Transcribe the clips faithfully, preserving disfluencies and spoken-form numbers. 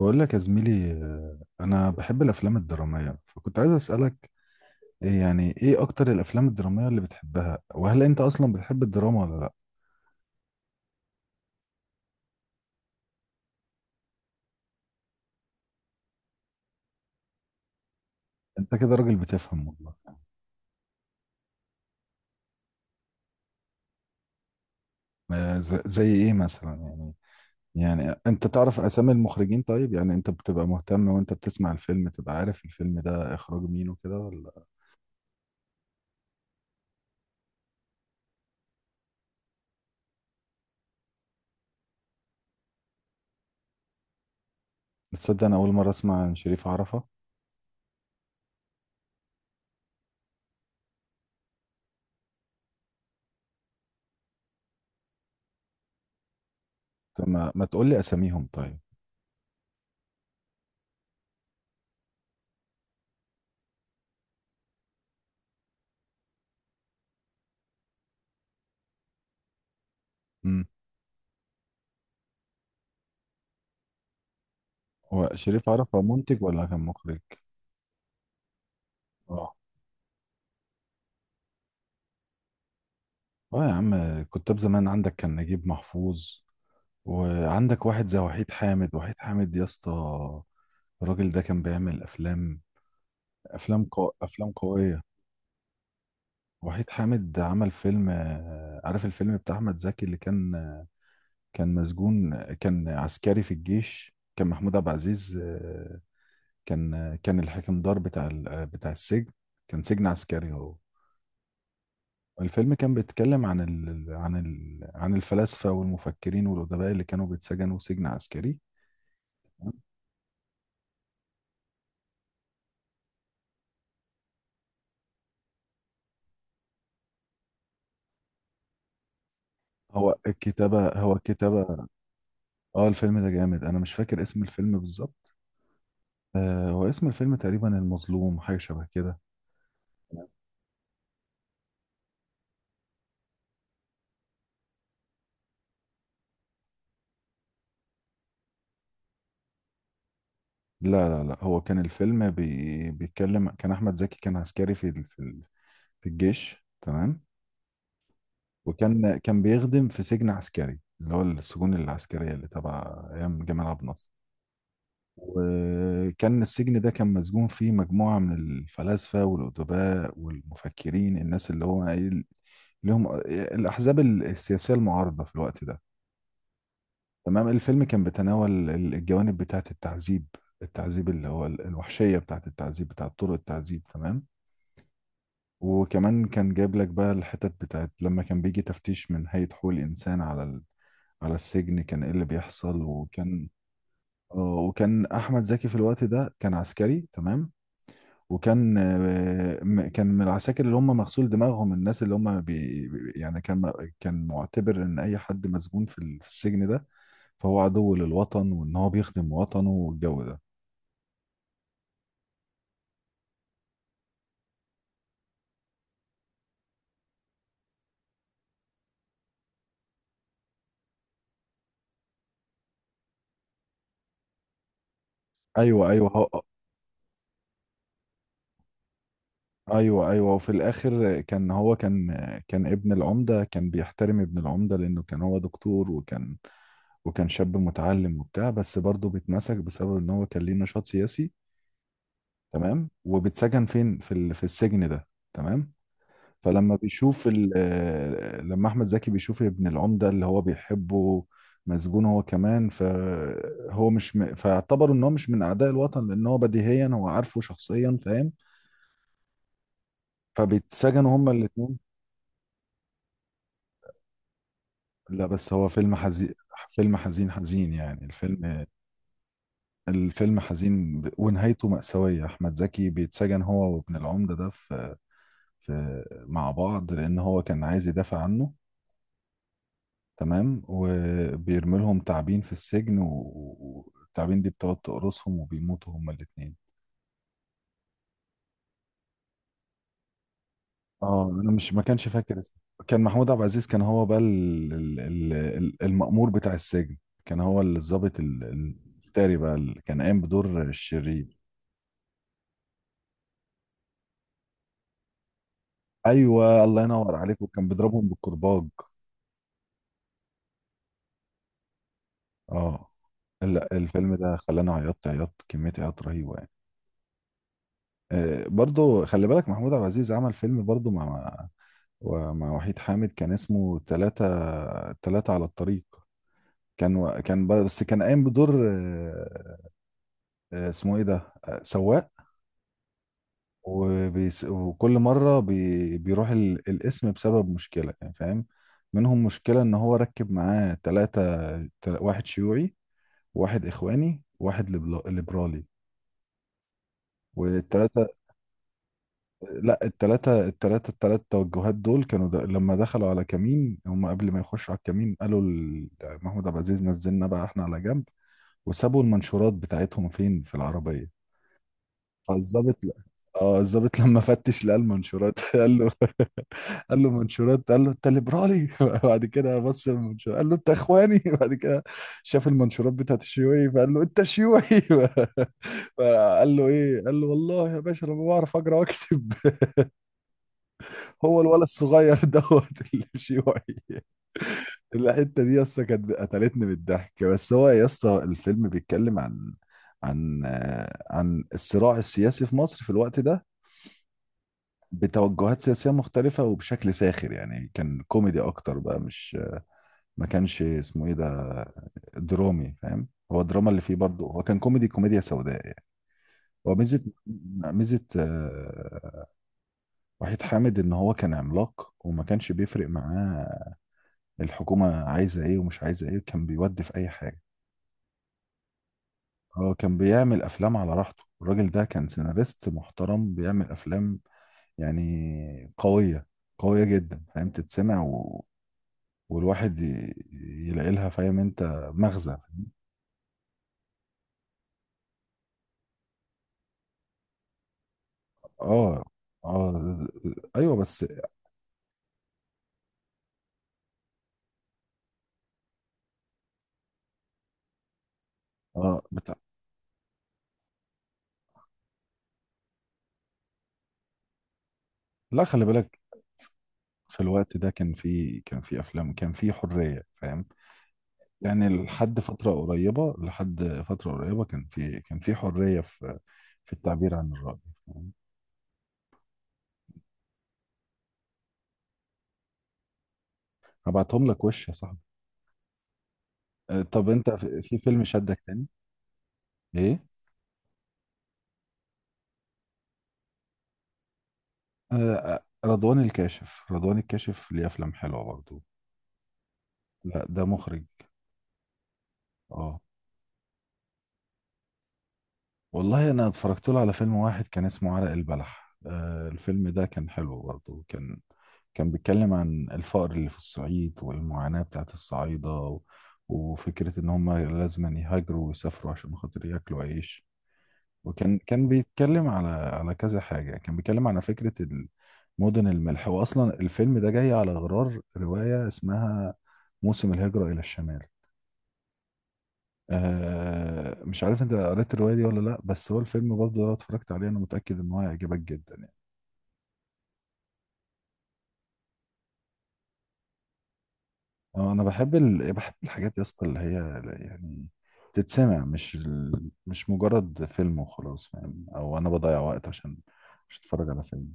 بقول لك يا زميلي آه، انا بحب الافلام الدراميه، فكنت عايز اسالك إيه يعني ايه اكتر الافلام الدراميه اللي بتحبها، وهل انت اصلا بتحب الدراما ولا لا؟ انت كده راجل بتفهم والله. آه، ز- زي ايه مثلا يعني؟ يعني انت تعرف اسامي المخرجين؟ طيب يعني انت بتبقى مهتم وانت بتسمع الفيلم تبقى عارف الفيلم ده اخراج مين وكده ولا؟ تصدق انا اول مره اسمع عن شريف عرفة. طب ما, ما تقول لي اساميهم طيب. امم هو شريف عرفة منتج ولا كان مخرج؟ اه. اه يا عم، كتاب زمان عندك كان نجيب محفوظ، وعندك واحد زي وحيد حامد. وحيد حامد يا اسطى، الراجل ده كان بيعمل افلام، افلام قو... افلام قويه. وحيد حامد عمل فيلم، آه، عارف الفيلم بتاع احمد زكي اللي كان، آه، كان مسجون، آه، كان عسكري في الجيش، كان محمود عبد العزيز آه، كان، آه، كان الحكمدار بتاع ال- آه، بتاع السجن. كان سجن عسكري هو. الفيلم كان بيتكلم عن ال... عن ال... عن الفلاسفة والمفكرين والأدباء اللي كانوا بيتسجنوا سجن عسكري. هو الكتابة هو الكتابة اه الفيلم ده جامد، أنا مش فاكر اسم الفيلم بالظبط. آه، هو اسم الفيلم تقريبا المظلوم، حاجة شبه كده. لا لا لا، هو كان الفيلم بي... بيتكلم، كان أحمد زكي كان عسكري في ال... في ال... في الجيش، تمام؟ وكان كان بيخدم في سجن عسكري، اللي هو السجون العسكرية اللي تبع أيام جمال عبد الناصر. وكان السجن ده كان مسجون فيه مجموعة من الفلاسفة والأدباء والمفكرين، الناس اللي هو إيه، لهم الأحزاب السياسية المعارضة في الوقت ده. تمام. الفيلم كان بيتناول الجوانب بتاعة التعذيب، التعذيب اللي هو الوحشية بتاعة التعذيب، بتاعة طرق التعذيب، تمام. وكمان كان جايب لك بقى الحتت بتاعت لما كان بيجي تفتيش من هيئة حقوق الإنسان على ال... على السجن، كان إيه اللي بيحصل. وكان آه، وكان أحمد زكي في الوقت ده كان عسكري، تمام. وكان، آه، م- كان من العساكر اللي هم مغسول دماغهم، الناس اللي هم بي بي- يعني كان، م- كان معتبر ان اي حد مسجون في ال- في السجن ده فهو عدو للوطن، وان هو بيخدم وطنه والجو ده. ايوه ايوه هو. ايوه ايوه. وفي الاخر كان هو كان، كان ابن العمده، كان بيحترم ابن العمده لانه كان هو دكتور، وكان، وكان شاب متعلم وبتاع، بس برضه بيتمسك بسبب ان هو كان ليه نشاط سياسي. تمام. وبيتسجن فين، في ال- في السجن ده، تمام. فلما بيشوف ال- آه، لما احمد زكي بيشوف ابن العمده اللي هو بيحبه مسجون هو كمان، فهو مش م... فاعتبروا ان هو مش من اعداء الوطن، لان هو بديهيا هو عارفه شخصيا، فاهم؟ فبيتسجنوا هما الاتنين. لا بس هو فيلم حزين، فيلم حزين، حزين يعني الفيلم. الفيلم حزين ب- ونهايته مأساوية. أحمد زكي بيتسجن هو وابن العمدة ده في, في مع بعض لأن هو كان عايز يدافع عنه. تمام. وبيرمي لهم تعابين في السجن و- والتعابين دي بتقعد تقرصهم، وبيموتوا هما الاتنين. اه انا مش ما كانش فاكر اسمه. كان محمود عبد العزيز، كان هو بقى ال- ال- ال- ال- المأمور بتاع السجن. كان هو الضابط ال- ال- الفتاري بقى، اللي كان قايم بدور الشرير. ايوه الله ينور عليك، وكان بيضربهم بالكرباج. اه. لا الفيلم ده خلاني عيطت، عيطت كمية عياط رهيبة. آه، برضو خلي بالك محمود عبد العزيز عمل فيلم برضو مع مع ومع وحيد حامد، كان اسمه تلاتة، تلاتة على الطريق. كان، و- كان ب- بس كان قايم بدور، آه، آه، اسمه ايه ده، آه، سواق. وبيس وكل مرة بي بيروح ال- الاسم بسبب مشكلة يعني، فاهم؟ منهم مشكلة ان هو ركب معاه تلاتة، تل- واحد شيوعي، واحد اخواني، واحد ليبرالي. والتلاتة. لا التلاتة، التلاتة التلات توجهات دول كانوا د... لما دخلوا على كمين، هم قبل ما يخشوا على الكمين قالوا ل- محمود عبد العزيز نزلنا بقى احنا على جنب، وسابوا المنشورات بتاعتهم فين؟ في العربية. فالظابط ل- اه الظابط لما فتش لقى المنشورات قال له قال له منشورات، قال له انت ليبرالي. بعد كده بص المنشورات قال له انت اخواني. بعد كده شاف المنشورات بتاعت الشيوعي، فقال له انت شيوعي. فقال له ايه؟ قال له والله يا باشا انا ما بعرف اقرا واكتب. هو الولد الصغير دوت الشيوعي. الحته دي يا اسطى كانت قتلتني بالضحك. بس هو يا اسطى الفيلم بيتكلم عن عن آه، عن الصراع السياسي في مصر في الوقت ده، بتوجهات سياسيه مختلفه، وبشكل ساخر يعني. كان كوميدي اكتر بقى، مش، ما كانش اسمه ايه ده، درامي، فاهم؟ هو الدراما اللي فيه برضه، هو كان كوميدي، كوميديا سوداء يعني. هو ميزه، ميزه آه، وحيد حامد ان هو كان عملاق، وما كانش بيفرق معاه الحكومة عايزة ايه ومش عايزة ايه، كان بيودي في اي حاجة. هو كان بيعمل افلام على راحته. الراجل ده كان سيناريست محترم، بيعمل افلام يعني قوية، قوية جدا، فاهم؟ تتسمع و... والواحد ي... يلاقي لها، فاهم انت، مغزى. اه. اه. ايوه بس. اه. بتاع، لا خلي بالك، في الوقت ده كان في، كان في افلام، كان في حرية، فاهم يعني؟ لحد فترة قريبة، لحد فترة قريبة كان في، كان في حرية في في التعبير عن الرأي، فاهم؟ هبعتهم لك وش يا صاحبي. آه، طب انت في، في فيلم شدك تاني؟ ايه؟ آه، آه، رضوان الكاشف، رضوان الكاشف ليه افلام حلوة برضو. لا ده مخرج. اه والله انا اتفرجت له على فيلم واحد كان اسمه عرق البلح. آه، الفيلم ده كان حلو برضه، كان كان بيتكلم عن الفقر اللي في الصعيد والمعاناة بتاعت الصعايدة و- وفكرة ان هم لازم يهاجروا ويسافروا عشان خاطر ياكلوا عيش. وكان، كان بيتكلم على على كذا حاجة، كان بيتكلم على فكرة المدن الملح. واصلا الفيلم ده جاي على غرار رواية اسمها موسم الهجرة إلى الشمال. آه مش عارف انت قريت الرواية دي ولا لا، بس هو الفيلم برضه لو اتفرجت عليه انا متأكد ان هو هيعجبك جدا يعني. آه، انا بحب ال... بحب الحاجات يا اسطى اللي هي يعني تتسمع، مش ال... مش مجرد فيلم وخلاص، فاهم؟ او انا بضيع وقت عشان مش اتفرج على فيلم.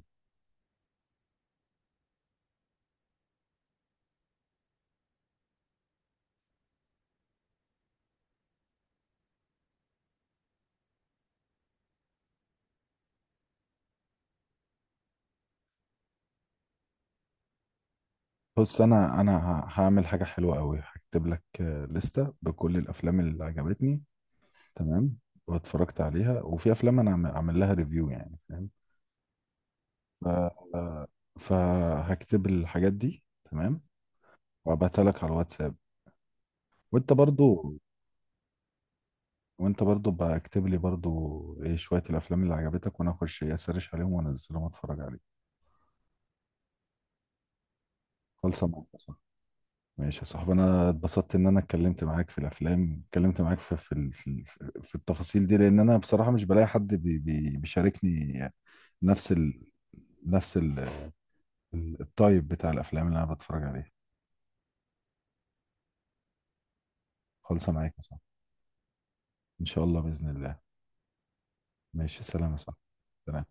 بص انا انا ه- هعمل حاجة حلوة قوي، هكتب لك آه، لستة بكل الافلام اللي عجبتني، تمام؟ واتفرجت عليها. وفي افلام انا عم- عامل لها ريفيو، يعني فاهم. ف... آه، فهكتب الحاجات دي، تمام، وابعتها لك على الواتساب. وانت برضو، وانت برضو بكتب لي برضو ايه شوية الافلام اللي عجبتك، وانا اخش إيه اسرش عليهم وانزلهم اتفرج عليهم. خلصة معاك يا صاحبي. ماشي يا صاحبي، انا اتبسطت ان انا اتكلمت معاك في الافلام، اتكلمت معاك في في ال- في, ال- في التفاصيل دي، لان انا بصراحة مش بلاقي حد بي بي بيشاركني نفس ال، نفس ال ال- الطيب بتاع الافلام اللي انا بتفرج عليها. خلصة معاك يا صاحبي. ان شاء الله باذن الله. ماشي، سلام يا صاحبي. سلام.